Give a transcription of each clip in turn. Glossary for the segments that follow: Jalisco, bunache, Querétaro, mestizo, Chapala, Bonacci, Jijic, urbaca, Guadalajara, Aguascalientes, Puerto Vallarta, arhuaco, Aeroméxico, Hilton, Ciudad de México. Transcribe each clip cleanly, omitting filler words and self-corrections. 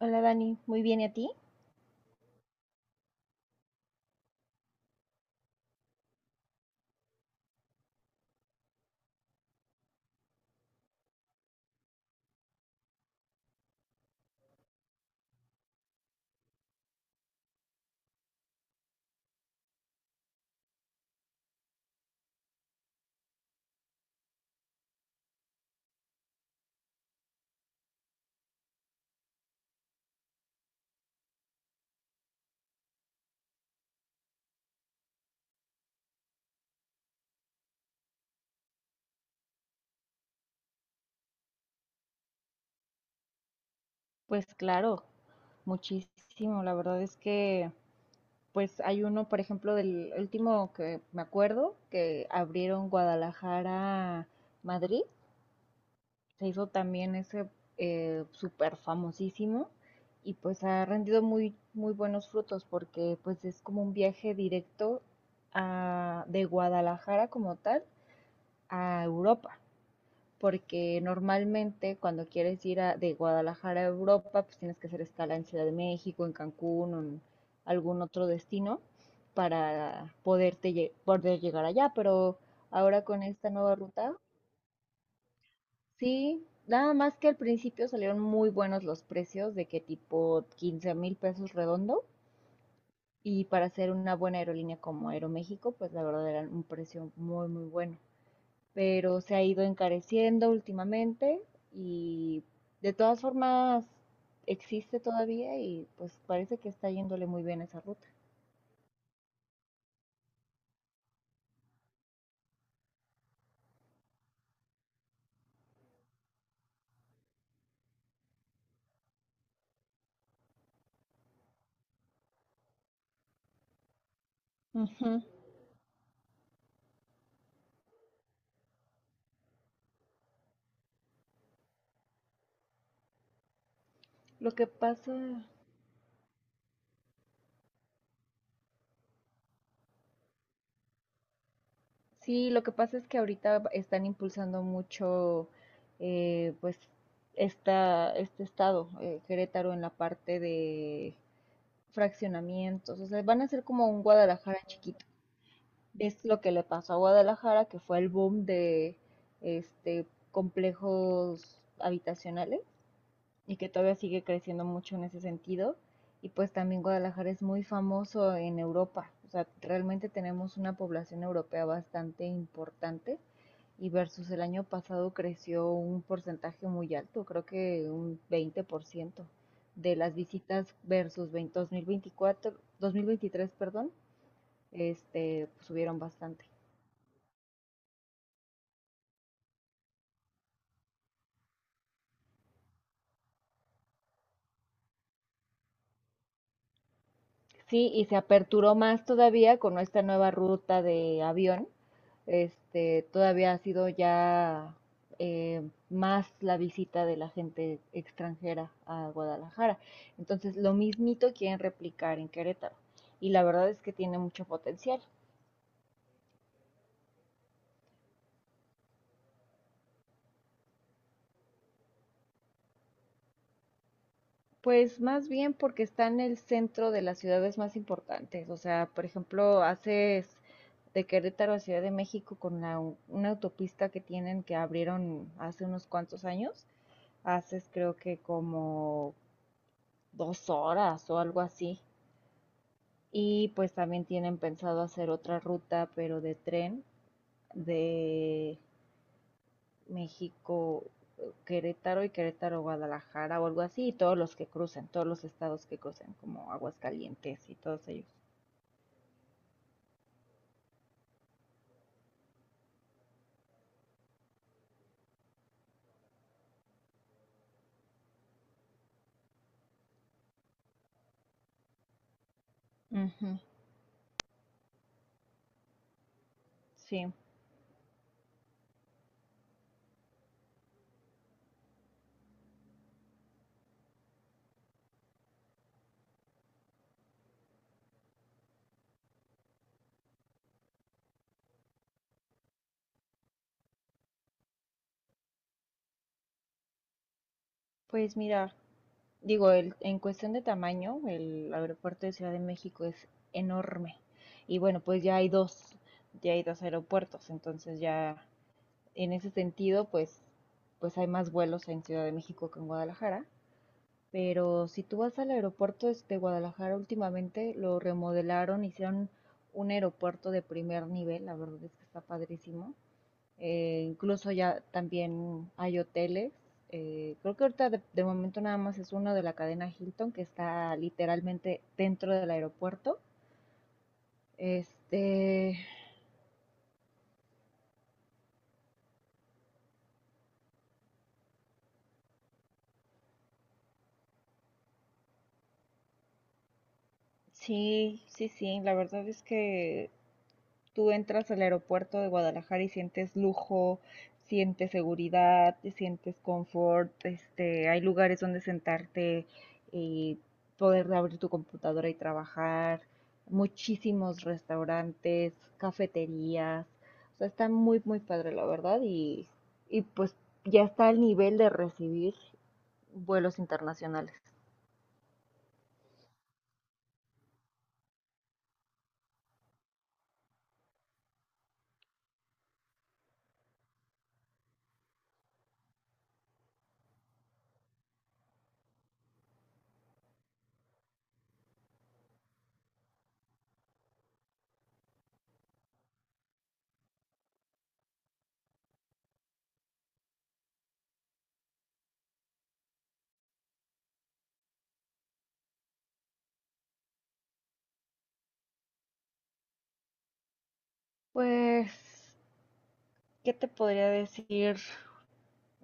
Hola Dani, muy bien, ¿y a ti? Pues claro, muchísimo. La verdad es que, pues hay uno, por ejemplo, del último que me acuerdo, que abrieron Guadalajara, Madrid, se hizo también ese súper famosísimo y pues ha rendido muy, muy buenos frutos porque pues es como un viaje directo de Guadalajara como tal a Europa. Porque normalmente cuando quieres ir de Guadalajara a Europa, pues tienes que hacer escala en Ciudad de México, en Cancún o en algún otro destino para poder llegar allá. Pero ahora con esta nueva ruta, sí, nada más que al principio salieron muy buenos los precios, de que tipo 15 mil pesos redondo. Y para ser una buena aerolínea como Aeroméxico, pues la verdad era un precio muy, muy bueno. Pero se ha ido encareciendo últimamente y de todas formas existe todavía y pues parece que está yéndole muy bien esa ruta. Ujú. Lo que pasa, sí, lo que pasa es que ahorita están impulsando mucho, eh, pues, este estado, Querétaro, en la parte de fraccionamientos. O sea, van a ser como un Guadalajara chiquito. Es lo que le pasó a Guadalajara, que fue el boom de este complejos habitacionales y que todavía sigue creciendo mucho en ese sentido. Y pues también Guadalajara es muy famoso en Europa. O sea, realmente tenemos una población europea bastante importante y versus el año pasado creció un porcentaje muy alto, creo que un 20% de las visitas versus veinte dos mil veinticuatro 2023, perdón. Subieron bastante. Sí, y se aperturó más todavía con esta nueva ruta de avión. Todavía ha sido ya eh, más la visita de la gente extranjera a Guadalajara. Entonces, lo mismito quieren replicar en Querétaro. Y la verdad es que tiene mucho potencial. Pues más bien porque está en el centro de las ciudades más importantes. O sea, por ejemplo, haces de Querétaro a Ciudad de México con una autopista que tienen que abrieron hace unos cuantos años, haces creo que como 2 horas o algo así. Y pues también tienen pensado hacer otra ruta, pero de tren, de México, Querétaro y Querétaro, Guadalajara o algo así, y todos los que crucen, todos los estados que crucen, como Aguascalientes y todos ellos. Ujú. Sí, pues mira, digo, en cuestión de tamaño, el aeropuerto de Ciudad de México es enorme. Y bueno, pues ya hay dos aeropuertos, entonces ya en ese sentido, pues, hay más vuelos en Ciudad de México que en Guadalajara. Pero si tú vas al aeropuerto de Guadalajara últimamente, lo remodelaron, hicieron un aeropuerto de primer nivel, la verdad es que está padrísimo. Incluso ya también hay hoteles. Creo que ahorita de, momento nada más es uno de la cadena Hilton que está literalmente dentro del aeropuerto. Este, sí, sí, sí, la verdad es que tú entras al aeropuerto de Guadalajara y sientes lujo, sientes seguridad, sientes confort, hay lugares donde sentarte y poder abrir tu computadora y trabajar, muchísimos restaurantes, cafeterías, o sea, está muy, muy padre, la verdad, y pues ya está al nivel de recibir vuelos internacionales. Pues, ¿qué te podría decir?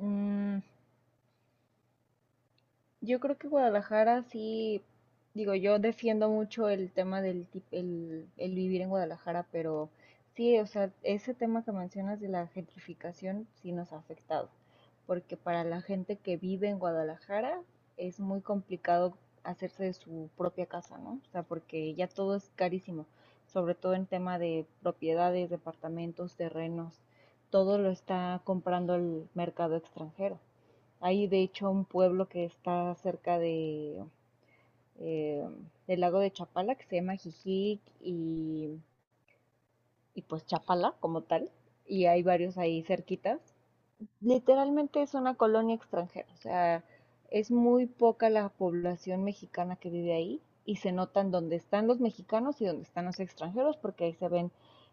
Mm. Yo creo que Guadalajara sí, digo, yo defiendo mucho el tema el vivir en Guadalajara, pero sí, o sea, ese tema que mencionas de la gentrificación sí nos ha afectado, porque para la gente que vive en Guadalajara es muy complicado hacerse de su propia casa, ¿no? O sea, porque ya todo es carísimo, sobre todo en tema de propiedades, departamentos, terrenos, todo lo está comprando el mercado extranjero. Hay de hecho un pueblo que está cerca eh, del lago de Chapala que se llama Jijic y pues Chapala como tal. Y hay varios ahí cerquitas. Literalmente es una colonia extranjera, o sea, es muy poca la población mexicana que vive ahí y se notan dónde están los mexicanos y dónde están los extranjeros porque ahí se ven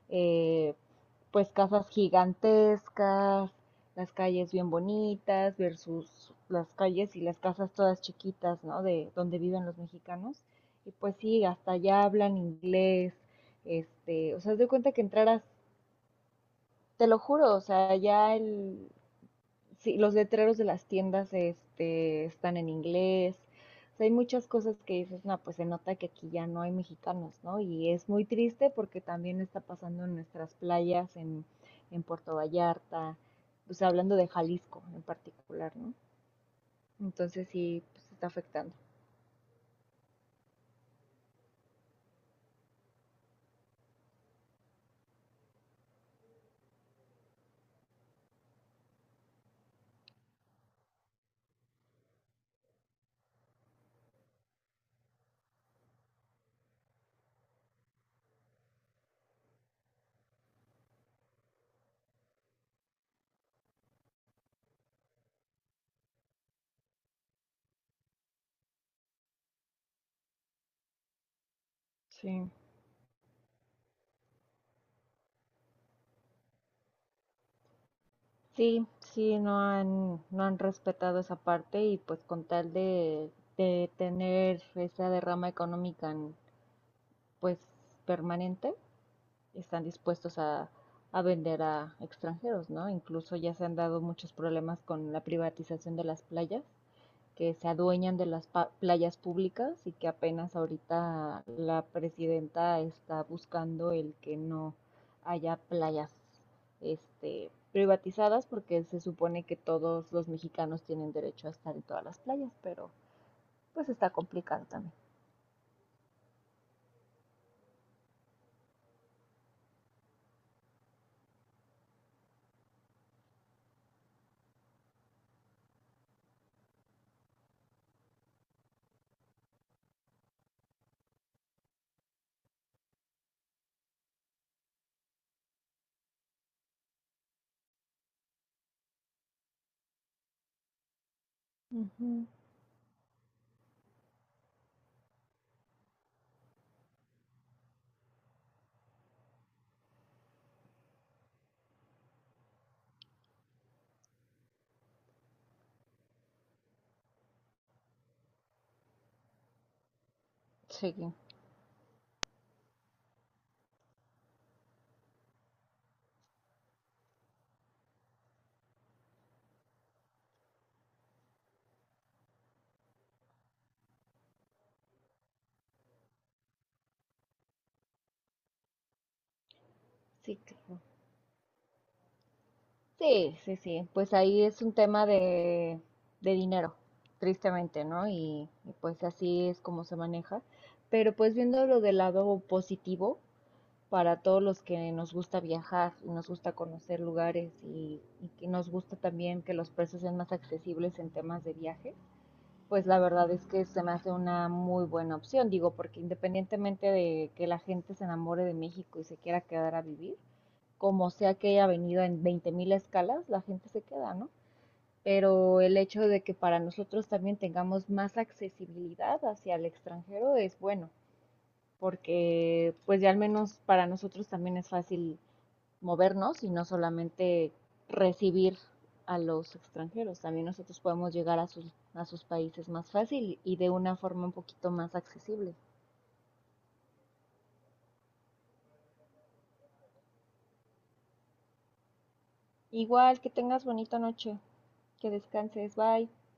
eh, pues casas gigantescas, las calles bien bonitas versus las calles y las casas todas chiquitas, ¿no? De donde viven los mexicanos. Y pues sí, hasta allá hablan inglés, o sea, haz de cuenta que entraras, te lo juro, o sea, ya sí, los letreros de las tiendas están en inglés. O sea, hay muchas cosas que dices, no, pues se nota que aquí ya no hay mexicanos, ¿no? Y es muy triste porque también está pasando en nuestras playas, en Puerto Vallarta, o sea, hablando de Jalisco en particular, ¿no? Entonces sí, pues está afectando. Sí. Sí, sí, no han respetado esa parte y pues con tal de tener esa derrama económica pues permanente, están dispuestos a vender a extranjeros, ¿no? Incluso ya se han dado muchos problemas con la privatización de las playas, que se adueñan de las playas públicas y que apenas ahorita la presidenta está buscando el que no haya playas privatizadas, porque se supone que todos los mexicanos tienen derecho a estar en todas las playas, pero pues está complicado también. Ujú. Sí. Sí, claro. Sí, sí, sí, pues ahí es un tema de dinero, tristemente, ¿no? Y pues así es como se maneja. Pero pues viéndolo del lado positivo, para todos los que nos gusta viajar y nos gusta conocer lugares y que nos gusta también que los precios sean más accesibles en temas de viaje, pues la verdad es que se me hace una muy buena opción, digo, porque independientemente de que la gente se enamore de México y se quiera quedar a vivir, como sea que haya venido en 20.000 escalas, la gente se queda, ¿no? Pero el hecho de que para nosotros también tengamos más accesibilidad hacia el extranjero es bueno, porque pues ya al menos para nosotros también es fácil movernos y no solamente recibir a los extranjeros, también nosotros podemos llegar a sus, países más fácil y de una forma un poquito más accesible. Igual, que tengas bonita noche, que descanses, bye.